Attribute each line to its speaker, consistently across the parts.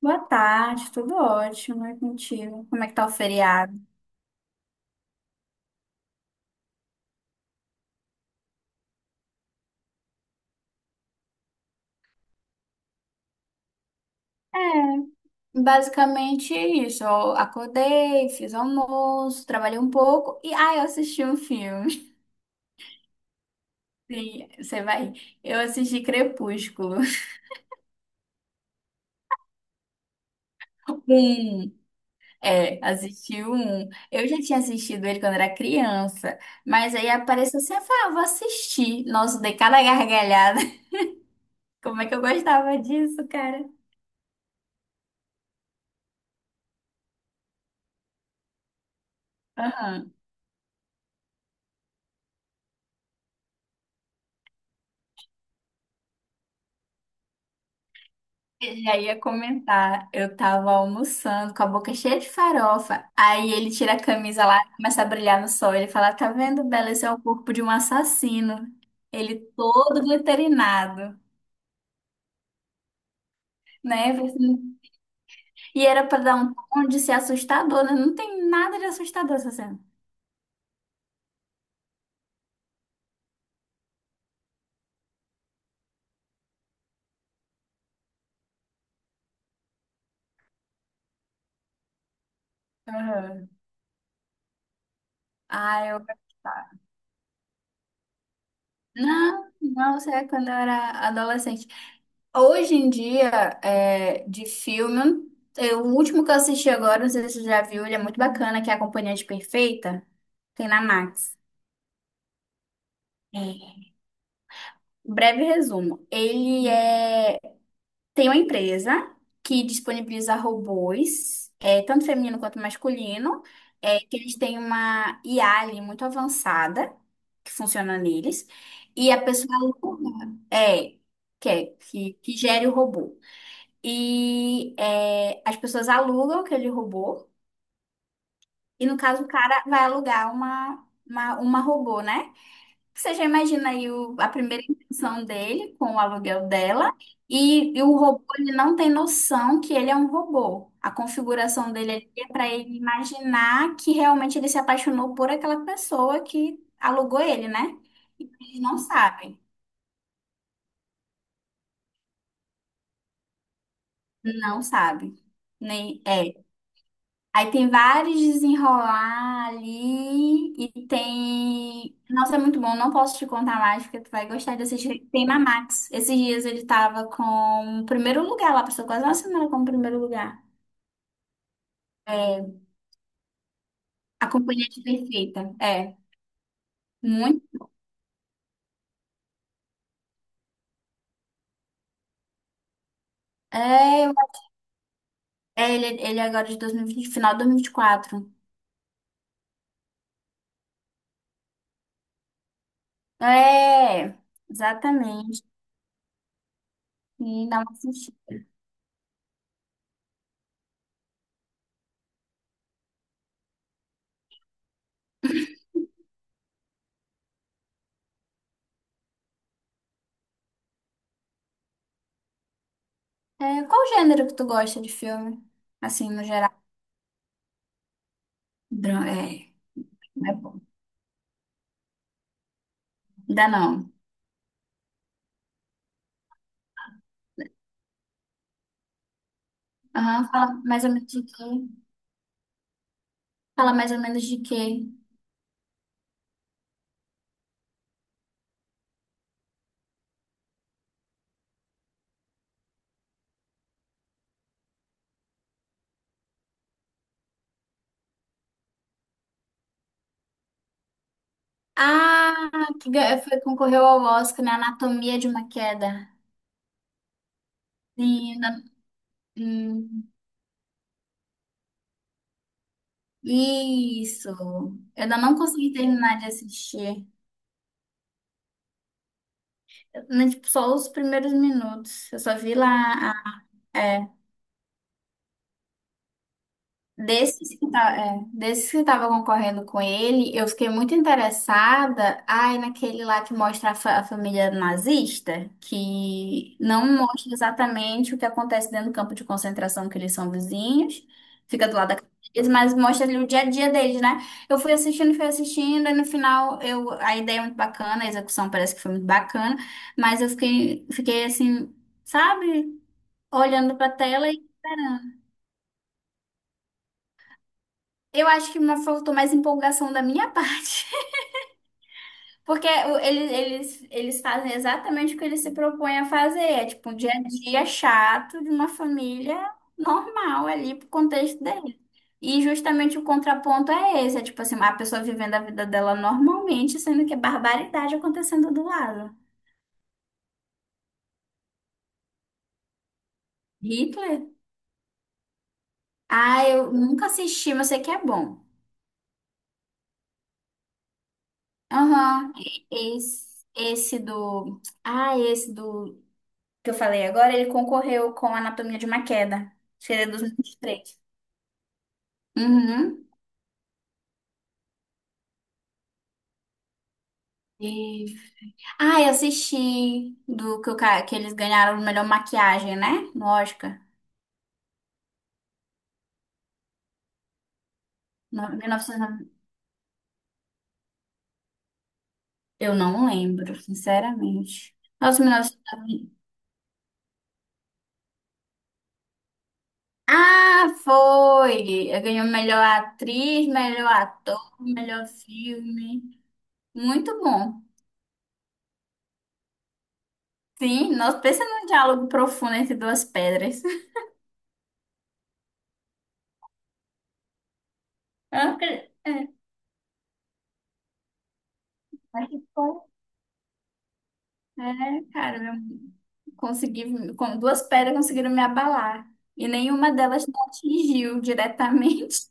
Speaker 1: Boa tarde, tudo ótimo, é contigo. Como é que tá o feriado? É, basicamente isso. Eu acordei, fiz almoço, trabalhei um pouco e aí eu assisti um filme. Sim, você vai. Eu assisti Crepúsculo. Um, é, assisti o um. Eu já tinha assistido ele quando era criança, mas aí apareceu assim, eu falei, ah, vou assistir. Nossa, dei cada gargalhada. Como é que eu gostava disso, cara? Aham. Ele já ia comentar, eu tava almoçando com a boca cheia de farofa. Aí ele tira a camisa lá, começa a brilhar no sol. Ele fala: Tá vendo, Bela? Esse é o corpo de um assassino. Ele todo glitterinado, né? E era pra dar um tom de ser assustador, né? Não tem nada de assustador essa cena. Aham. Ah, eu gostava. Não, não, isso é quando eu era adolescente. Hoje em dia, é, de filme, o último que eu assisti agora, não sei se você já viu, ele é muito bacana, que é A Companhia de Perfeita, tem na Max. É. Breve resumo. Ele é, tem uma empresa que disponibiliza robôs, é, tanto feminino quanto masculino, é, que eles têm uma IA ali muito avançada, que funciona neles, e a pessoa aluga, é, que, que gere o robô. E é, as pessoas alugam aquele robô. E no caso, o cara vai alugar uma robô, né? Você já imagina aí a primeira intenção dele com o aluguel dela. E o robô, ele não tem noção que ele é um robô. A configuração dele ali é para ele imaginar que realmente ele se apaixonou por aquela pessoa que alugou ele, né? E ele não sabe. Não sabe. Nem, é. Aí tem vários desenrolar ali e tem. Nossa, é muito bom, não posso te contar mais, porque tu vai gostar de assistir. Tem na Max. Esses dias ele tava com o primeiro lugar lá, passou quase uma semana com o primeiro lugar. É, A Companhia de Perfeita. É, muito. É, é, ele é agora de 2020, final de 2024. É, exatamente. E dá uma assistida. É, qual gênero que tu gosta de filme? Assim, no geral. Dra- É, é bom. Ainda não. Ah, fala mais ou menos de quê? Fala mais ou menos de quê? Ah, que foi, concorreu ao Oscar na Anatomia de uma Queda. Sim, hum, isso. Eu ainda não consegui terminar de assistir. Eu, né, tipo, só os primeiros minutos. Eu só vi lá. Desses que tá, é, desses que tava concorrendo com ele, eu fiquei muito interessada, ai, naquele lá que mostra a família nazista, que não mostra exatamente o que acontece dentro do campo de concentração, que eles são vizinhos, fica do lado da casa deles, mas mostra ali o dia a dia deles, né? Eu fui assistindo, e no final eu, a ideia é muito bacana, a execução parece que foi muito bacana, mas eu fiquei, fiquei assim, sabe, olhando pra tela e esperando. Eu acho que faltou mais empolgação da minha parte. Porque eles fazem exatamente o que eles se propõem a fazer. É tipo um dia a dia chato de uma família normal ali pro contexto dele. E justamente o contraponto é esse. É tipo assim, a pessoa vivendo a vida dela normalmente, sendo que é barbaridade acontecendo do lado. Hitler? Ah, eu nunca assisti, mas sei que é bom. Aham. Esse do. Ah, esse do que eu falei agora, ele concorreu com Anatomia de uma Queda. Acho que ele é 2023. Uhum. E... Ah, eu assisti do que, que eles ganharam de melhor maquiagem, né? No Oscar. No- mil e novecentos Eu não lembro, sinceramente. Nossa, 1990. Ah, foi! Eu ganhei melhor atriz, melhor ator, melhor filme. Muito bom. Sim, nós pensa num diálogo profundo entre duas pedras. Eu não acredito. É, mas que foi. É, cara, eu consegui, com duas pedras conseguiram me abalar. E nenhuma delas me atingiu diretamente.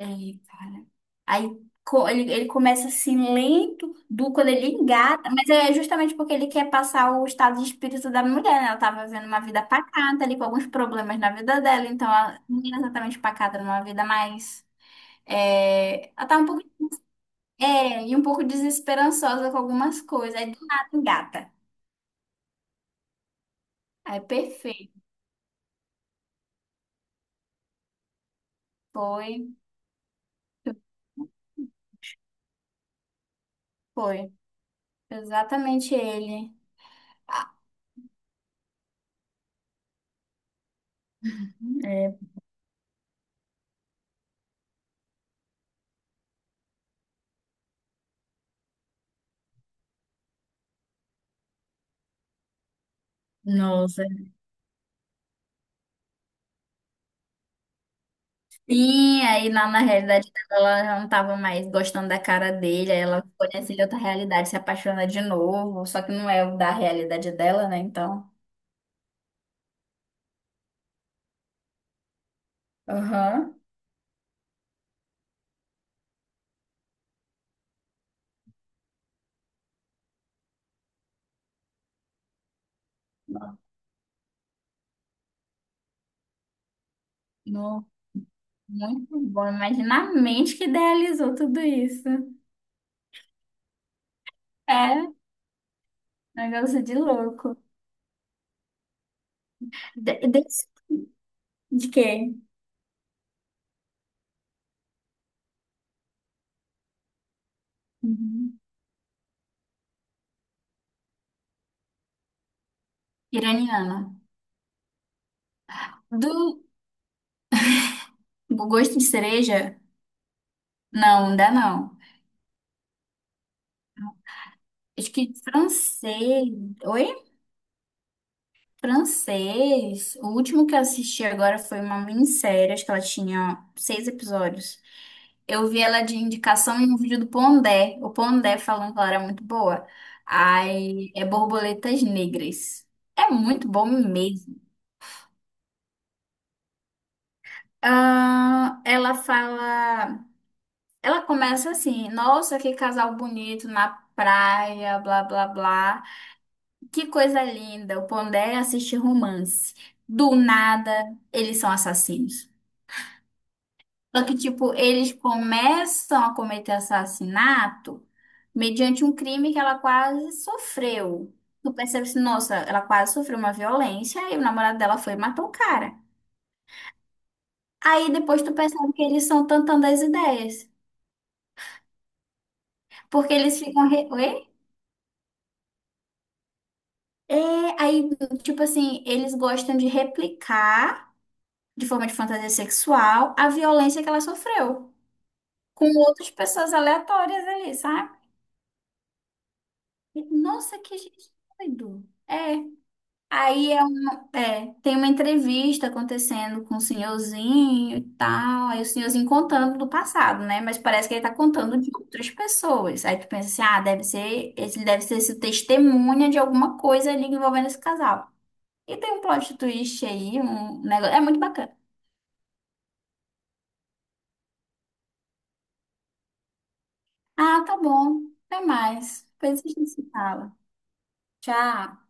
Speaker 1: Aí, cara. Aí ele começa assim lento, do quando ele engata, mas é justamente porque ele quer passar o estado de espírito da mulher, né? Ela tava vivendo uma vida pacata ali, com alguns problemas na vida dela, então ela não era exatamente pacata, era uma vida mais. É, ela tá um pouco. É, e um pouco desesperançosa com algumas coisas. Aí do nada engata. Aí perfeito. Foi. Foi exatamente ele. É, nossa. Sim, aí na realidade dela, ela já não tava mais gostando da cara dele, aí ela conhece outra realidade, se apaixona de novo, só que não é o da realidade dela, né? Então. Aham. No- Muito bom. Imagina a mente que idealizou tudo isso. É, negócio de louco. De, de, de quê? Uhum. Iraniana. Do do gosto de cereja? Não, ainda não. Acho que francês. Oi? Francês. O último que eu assisti agora foi uma minissérie, acho que ela tinha seis episódios. Eu vi ela de indicação em um vídeo do Pondé. O Pondé falando que ela era muito boa. Ai, é Borboletas Negras. É muito bom mesmo. Ah, ela fala. Ela começa assim: Nossa, que casal bonito na praia, blá blá blá. Que coisa linda, o Pondé assiste romance. Do nada, eles são assassinos. Só que, tipo, eles começam a cometer assassinato mediante um crime que ela quase sofreu. Tu percebe assim, nossa, ela quase sofreu uma violência e o namorado dela foi e matou o cara. Aí depois tu percebe que eles são tantando as ideias. Porque eles ficam. Oi? É, aí, tipo assim, eles gostam de replicar, de forma de fantasia sexual, a violência que ela sofreu com outras pessoas aleatórias ali, sabe? E, Nossa, que gente doido. É. Aí é tem uma entrevista acontecendo com o senhorzinho e tal. Aí o senhorzinho contando do passado, né? Mas parece que ele tá contando de outras pessoas. Aí tu pensa assim, ah, deve ser, ele deve ser esse testemunha de alguma coisa ali envolvendo esse casal. E tem um plot twist aí, um negócio. É muito bacana. Ah, tá bom. Até mais. Depois a gente se fala. Tchau.